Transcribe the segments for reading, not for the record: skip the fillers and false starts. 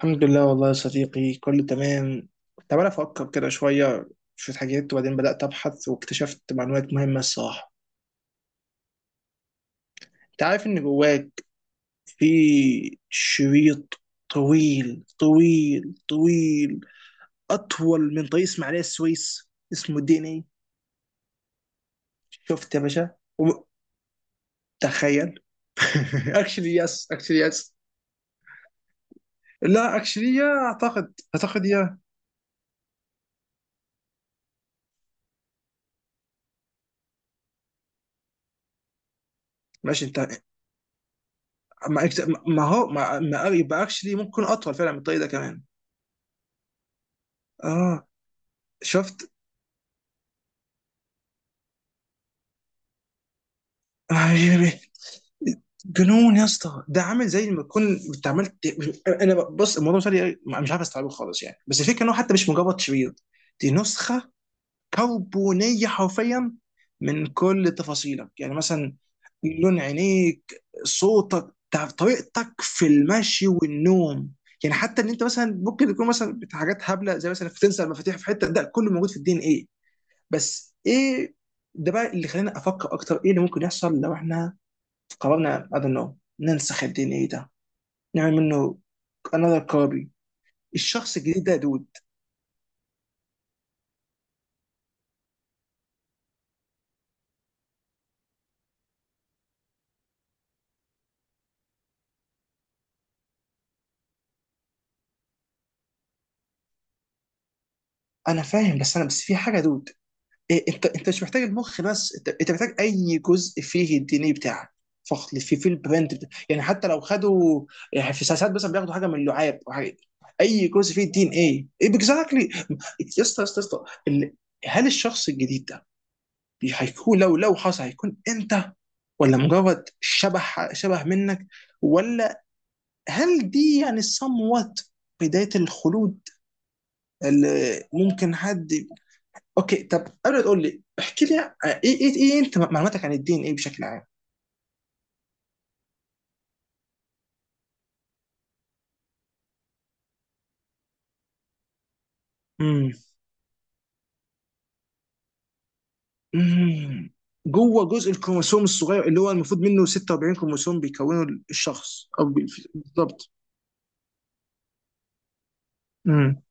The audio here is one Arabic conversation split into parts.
الحمد لله والله يا صديقي، كله تمام. كنت عمال افكر كده شويه، شويه حاجات، وبعدين بدات ابحث واكتشفت معلومات مهمه الصراحه. انت عارف ان جواك في شريط طويل طويل طويل، اطول من طريق اسماعيليه السويس، اسمه دي ان اي. شفت يا باشا؟ وم- تخيل. اكشلي يس، اكشلي يس. لا اكشلي، يا اعتقد يا، ماشي. انت ما ما هو ما ما- يبقى اكشلي ممكن اطول فعلا من الطريق ده كمان. اه، شفت. آه، جنون يا اسطى، ده عامل زي ما تكون انت عملت. انا بص، الموضوع مش عارف، مش عارف استوعبه خالص يعني، بس الفكره انه حتى مش مجرد شرير، دي نسخه كربونيه حرفيا من كل تفاصيلك. يعني مثلا لون عينيك، صوتك، طريقتك في المشي والنوم. يعني حتى ان انت مثلا ممكن تكون مثلا حاجات هبله، زي مثلا بتنسى المفاتيح في حته، ده كله موجود في الدي ان ايه. بس ايه، ده بقى اللي خلاني افكر اكتر، ايه اللي ممكن يحصل لو احنا قررنا I don't know ننسخ الدي ان ايه ده، نعمل منه another copy الشخص الجديد ده يا دود؟ انا فاهم، بس انا بس في حاجه يا دود. إيه، انت مش محتاج المخ، بس انت محتاج اي جزء فيه الدي ان ايه بتاعك، فخل في البرنت بتاع. يعني حتى لو خدوا، يعني في ساعات مثلا بياخدوا حاجه من اللعاب أو حاجة، اي جزء فيه الدي ان ايه اكزاكتلي. يا اسطى، يا اسطى، يا اسطى، هل الشخص الجديد ده، هيكون، لو لو حصل، هيكون انت؟ ولا مجرد شبه منك؟ ولا هل دي يعني somewhat بداية الخلود اللي ممكن حد. اوكي، طب قبل ما تقول لي احكي لي ايه، إيه انت معلوماتك عن الدين ايه بشكل عام؟ امم. امم. جوه جزء الكروموسوم الصغير اللي هو المفروض منه 46 كروموسوم بيكونوا الشخص او بالظبط. امم.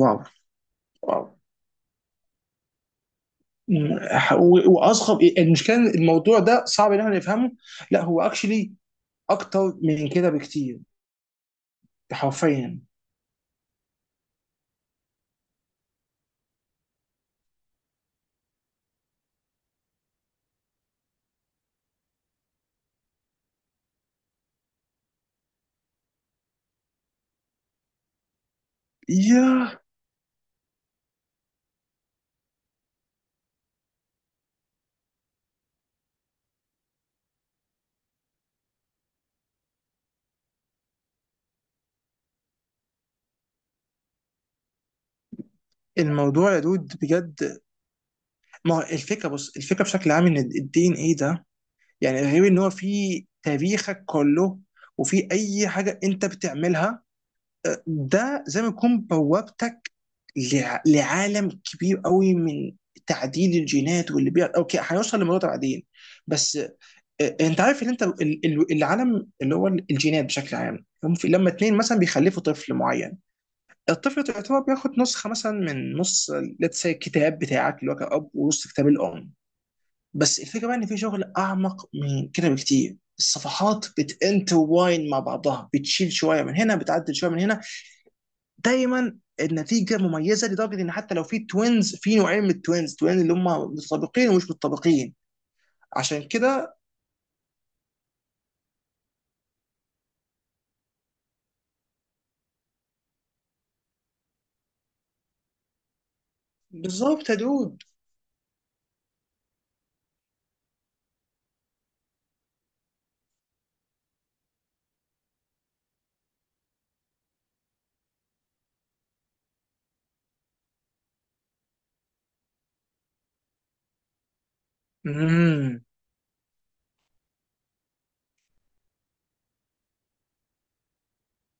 واو. واو. مم. واصعب المشكله إن الموضوع ده صعب ان احنا نفهمه. لا، هو اكشلي اكتر من كده بكتير، حرفيا. يا الموضوع يا دود بجد. ما هو الفكره، بص، الفكره بشكل عام ان الدي ان ايه ده يعني غير ان هو في تاريخك كله وفي اي حاجه انت بتعملها، ده زي ما يكون بوابتك لعالم كبير قوي من تعديل الجينات واللي بيع. اوكي، هنوصل لموضوع بعدين، بس انت عارف ان انت العالم اللي هو الجينات بشكل عام، هم لما 2 مثلا بيخلفوا طفل معين، الطفل يعتبر بياخد نسخه مثلا من نص، لتس الكتاب بتاعك اللي هو كأب ونص كتاب الام. بس الفكره بقى ان في شغل اعمق من كده بكتير، الصفحات بتنتواين مع بعضها، بتشيل شويه من هنا، بتعدل شويه من هنا، دايما النتيجه مميزه، لدرجه ان حتى لو في توينز، في نوعين من التوينز، توين اللي هم متطابقين ومش متطابقين. عشان كده بالظبط يا دود. مم.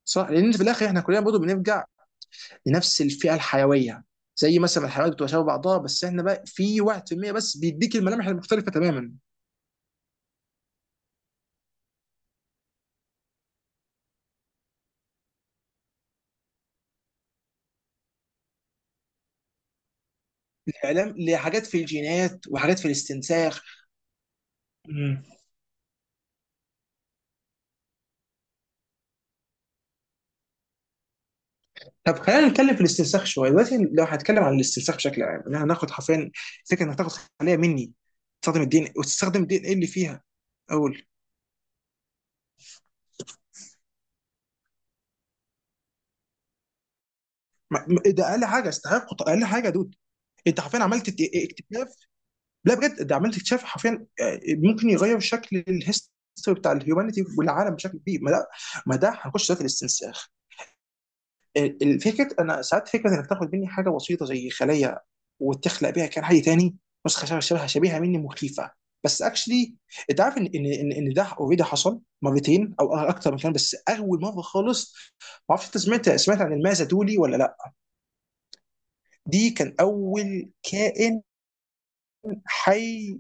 صح، لان في الاخر احنا كلنا برضه بنرجع لنفس الفئه الحيويه، زي مثلا الحيوانات بتبقى شبه بعضها، بس احنا بقى في 1% بس بيديك الملامح المختلفه تماما. الاعلام لحاجات في الجينات وحاجات في الاستنساخ. مم. طب خلينا نتكلم في الاستنساخ شويه دلوقتي. لو هنتكلم عن الاستنساخ بشكل عام، ان احنا هناخد حرفيا فكره انك تاخد خليه مني، تستخدم الدين إيه؟ وتستخدم الدين ايه اللي فيها. اول ده اقل حاجه استحق، اقل حاجه يا دود. انت حرفيا عملت اكتشاف. لا، بجد، ده عملت اكتشاف حرفيا، ممكن يغير شكل الهيستوري بتاع الهيومانيتي والعالم بشكل كبير. ما ده، ما ده هنخش في الاستنساخ. الفكره، انا ساعات فكره انك تاخد مني حاجه بسيطه زي خليه، وتخلق بيها كائن حي تاني، نسخه شبه شبيهه مني، مخيفه، بس اكشلي انت عارف ان ان ان إن ده اوريدي حصل مرتين او اكتر من كده، بس اول مره خالص. ما اعرفش انت سمعت عن المازا دولي ولا لا؟ دي كان اول كائن حي،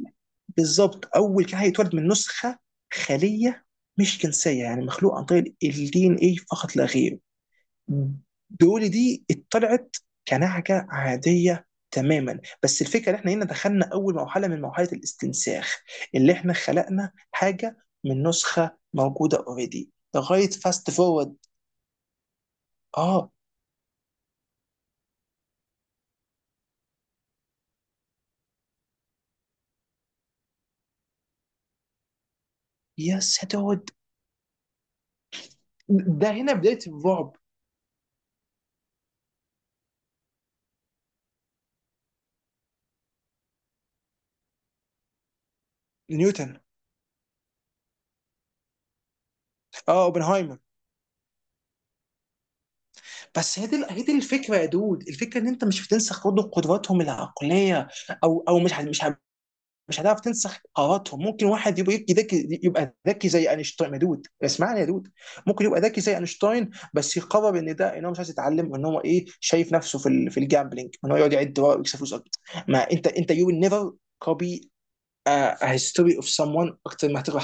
بالظبط اول كان هيتولد من نسخه خليه مش جنسيه، يعني مخلوق عن طريق الدي ان اي فقط لا غير. دول دي اتطلعت كنعجه عاديه تماما، بس الفكره ان احنا هنا دخلنا اول مرحله من مرحله الاستنساخ، اللي احنا خلقنا حاجه من نسخه موجوده اوريدي، لغايه فاست فورورد. اه، يا سدود، ده هنا بدايه الرعب. نيوتن. اه، اوبنهايمر. بس هي دي الفكره يا دود، الفكره ان انت مش هتنسخ برضه قدراتهم العقليه، او او مش ه- مش ه- مش هتعرف تنسخ قراراتهم. ممكن واحد يبقى ذكي، زي اينشتاين يا دود، اسمعني يا دود. ممكن يبقى ذكي زي اينشتاين بس يقرر ان ده، ان هو مش عايز يتعلم، وان هو ايه، شايف نفسه في في الجامبلينج، ان هو يقعد يعد ورق ويكسب فلوس اكتر. ما انت يو نيفر كوبي a a history of someone اكتر ما هتقرا.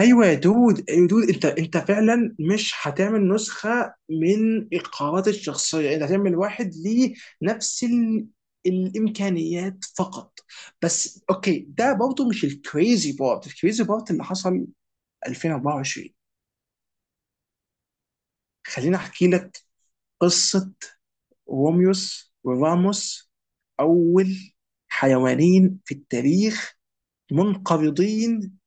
ايوه يا دود، ايوه يا دود، انت فعلا مش هتعمل نسخه من القرارات الشخصيه، انت هتعمل واحد ليه نفس ال، الامكانيات فقط. بس اوكي، ده برضه مش الكريزي بارت اللي حصل 2024، خليني احكي لك قصه روميوس وراموس، اول حيوانين في التاريخ منقرضين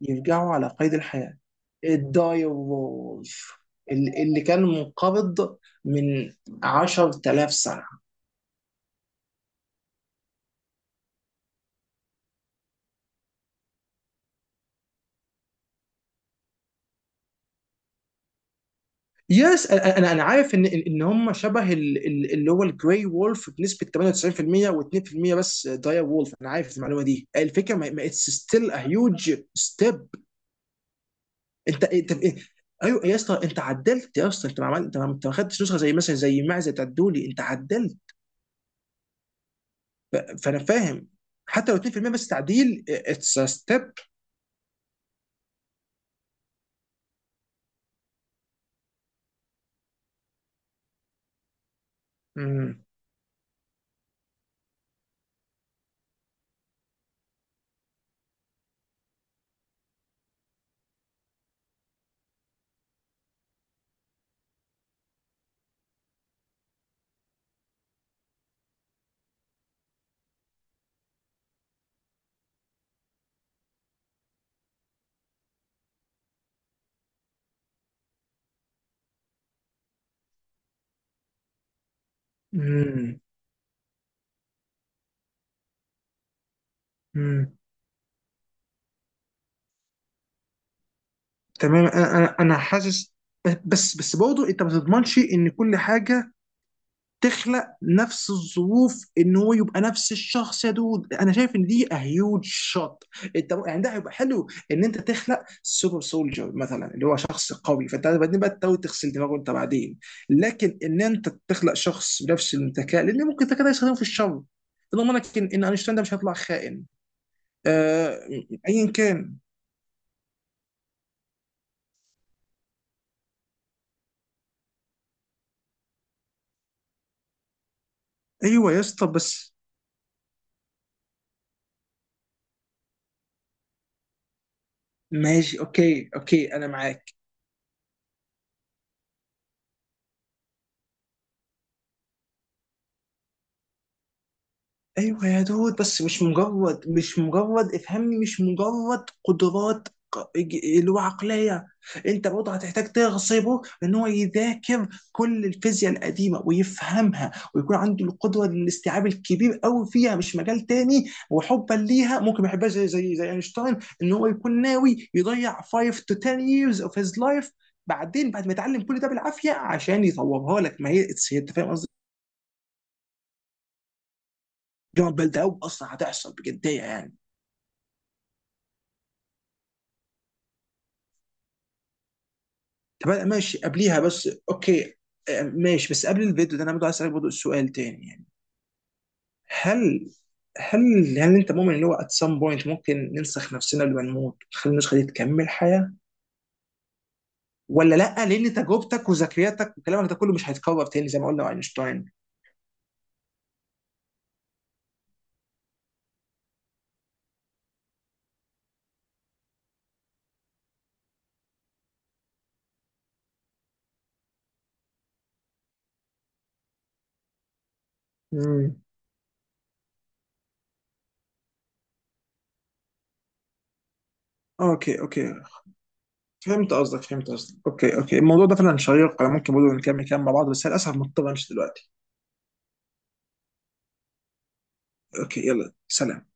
يرجعوا على قيد الحياة، الدايوولف، اللي كان منقبض من 10,000 سنة. يس، انا انا أنا عارف ان ان إن هم شبه اللي هو الجراي وولف بنسبه 98%، و2% بس داير وولف. انا عارف المعلومه دي، الفكره ما اتس ستيل ا هيوج ستيب. انت ايوه يا اسطى، انت عدلت يا اسطى، انت ما عملت انت ما أنت ما خدتش نسخه زي مثلا زي معزه بتاعت دولي، انت عدلت. فانا فاهم حتى لو 2% بس تعديل، اتس ستيب. امم. امم. امم. تمام، انا انا أنا حاسس، بس برضه انت ما تضمنش ان كل حاجه تخلق نفس الظروف، ان هو يبقى نفس الشخص يا دود. انا شايف ان دي هيوج شوت. انت يعني، ده هيبقى حلو ان انت تخلق سوبر سولجر مثلا، اللي هو شخص قوي، فانت بعدين بقى تحاول تغسل دماغه انت بعدين. لكن ان انت تخلق شخص بنفس الذكاء، لان ممكن الذكاء ده يستخدمه في الشر، ضمنك إن اينشتاين ده مش هيطلع خائن؟ آه. ايا كان. ايوه يا اسطى، بس ماشي، اوكي، اوكي انا معاك. ايوه يا دود، بس مش مجرد مش مجرد افهمني، مش مجرد قدرات اللي هو عقليه. انت برضه هتحتاج تغصبه ان هو يذاكر كل الفيزياء القديمه ويفهمها ويكون عنده القدره للاستيعاب الكبير قوي فيها، مش مجال تاني. وحبا ليها ممكن ما يحبهاش، زي اينشتاين، ان هو يكون ناوي يضيع 5 to 10 years of his life بعدين بعد ما يتعلم كل ده بالعافيه عشان يطورها لك. ما هي انت فاهم قصدي؟ جامعة بلد قوي اصلا هتحصل بجديه يعني. طب أنا ماشي قبليها، بس اوكي. آه، ماشي. بس قبل الفيديو ده انا برضه عايز اسالك برضه سؤال تاني يعني. هل هل انت مؤمن ان هو at some point ممكن ننسخ نفسنا قبل ما نموت ونخلي النسخه دي تكمل حياه؟ ولا لا، لان تجربتك وذكرياتك وكلامك ده كله مش هيتكرر تاني زي ما قلنا مع اينشتاين. امم. اوكي، اوكي، فهمت قصدك، فهمت قصدك. اوكي، اوكي، الموضوع ده فعلا شيق، انا ممكن برضه نكمل كلام مع بعض، بس للاسف مضطر امشي دلوقتي. اوكي، يلا، سلام.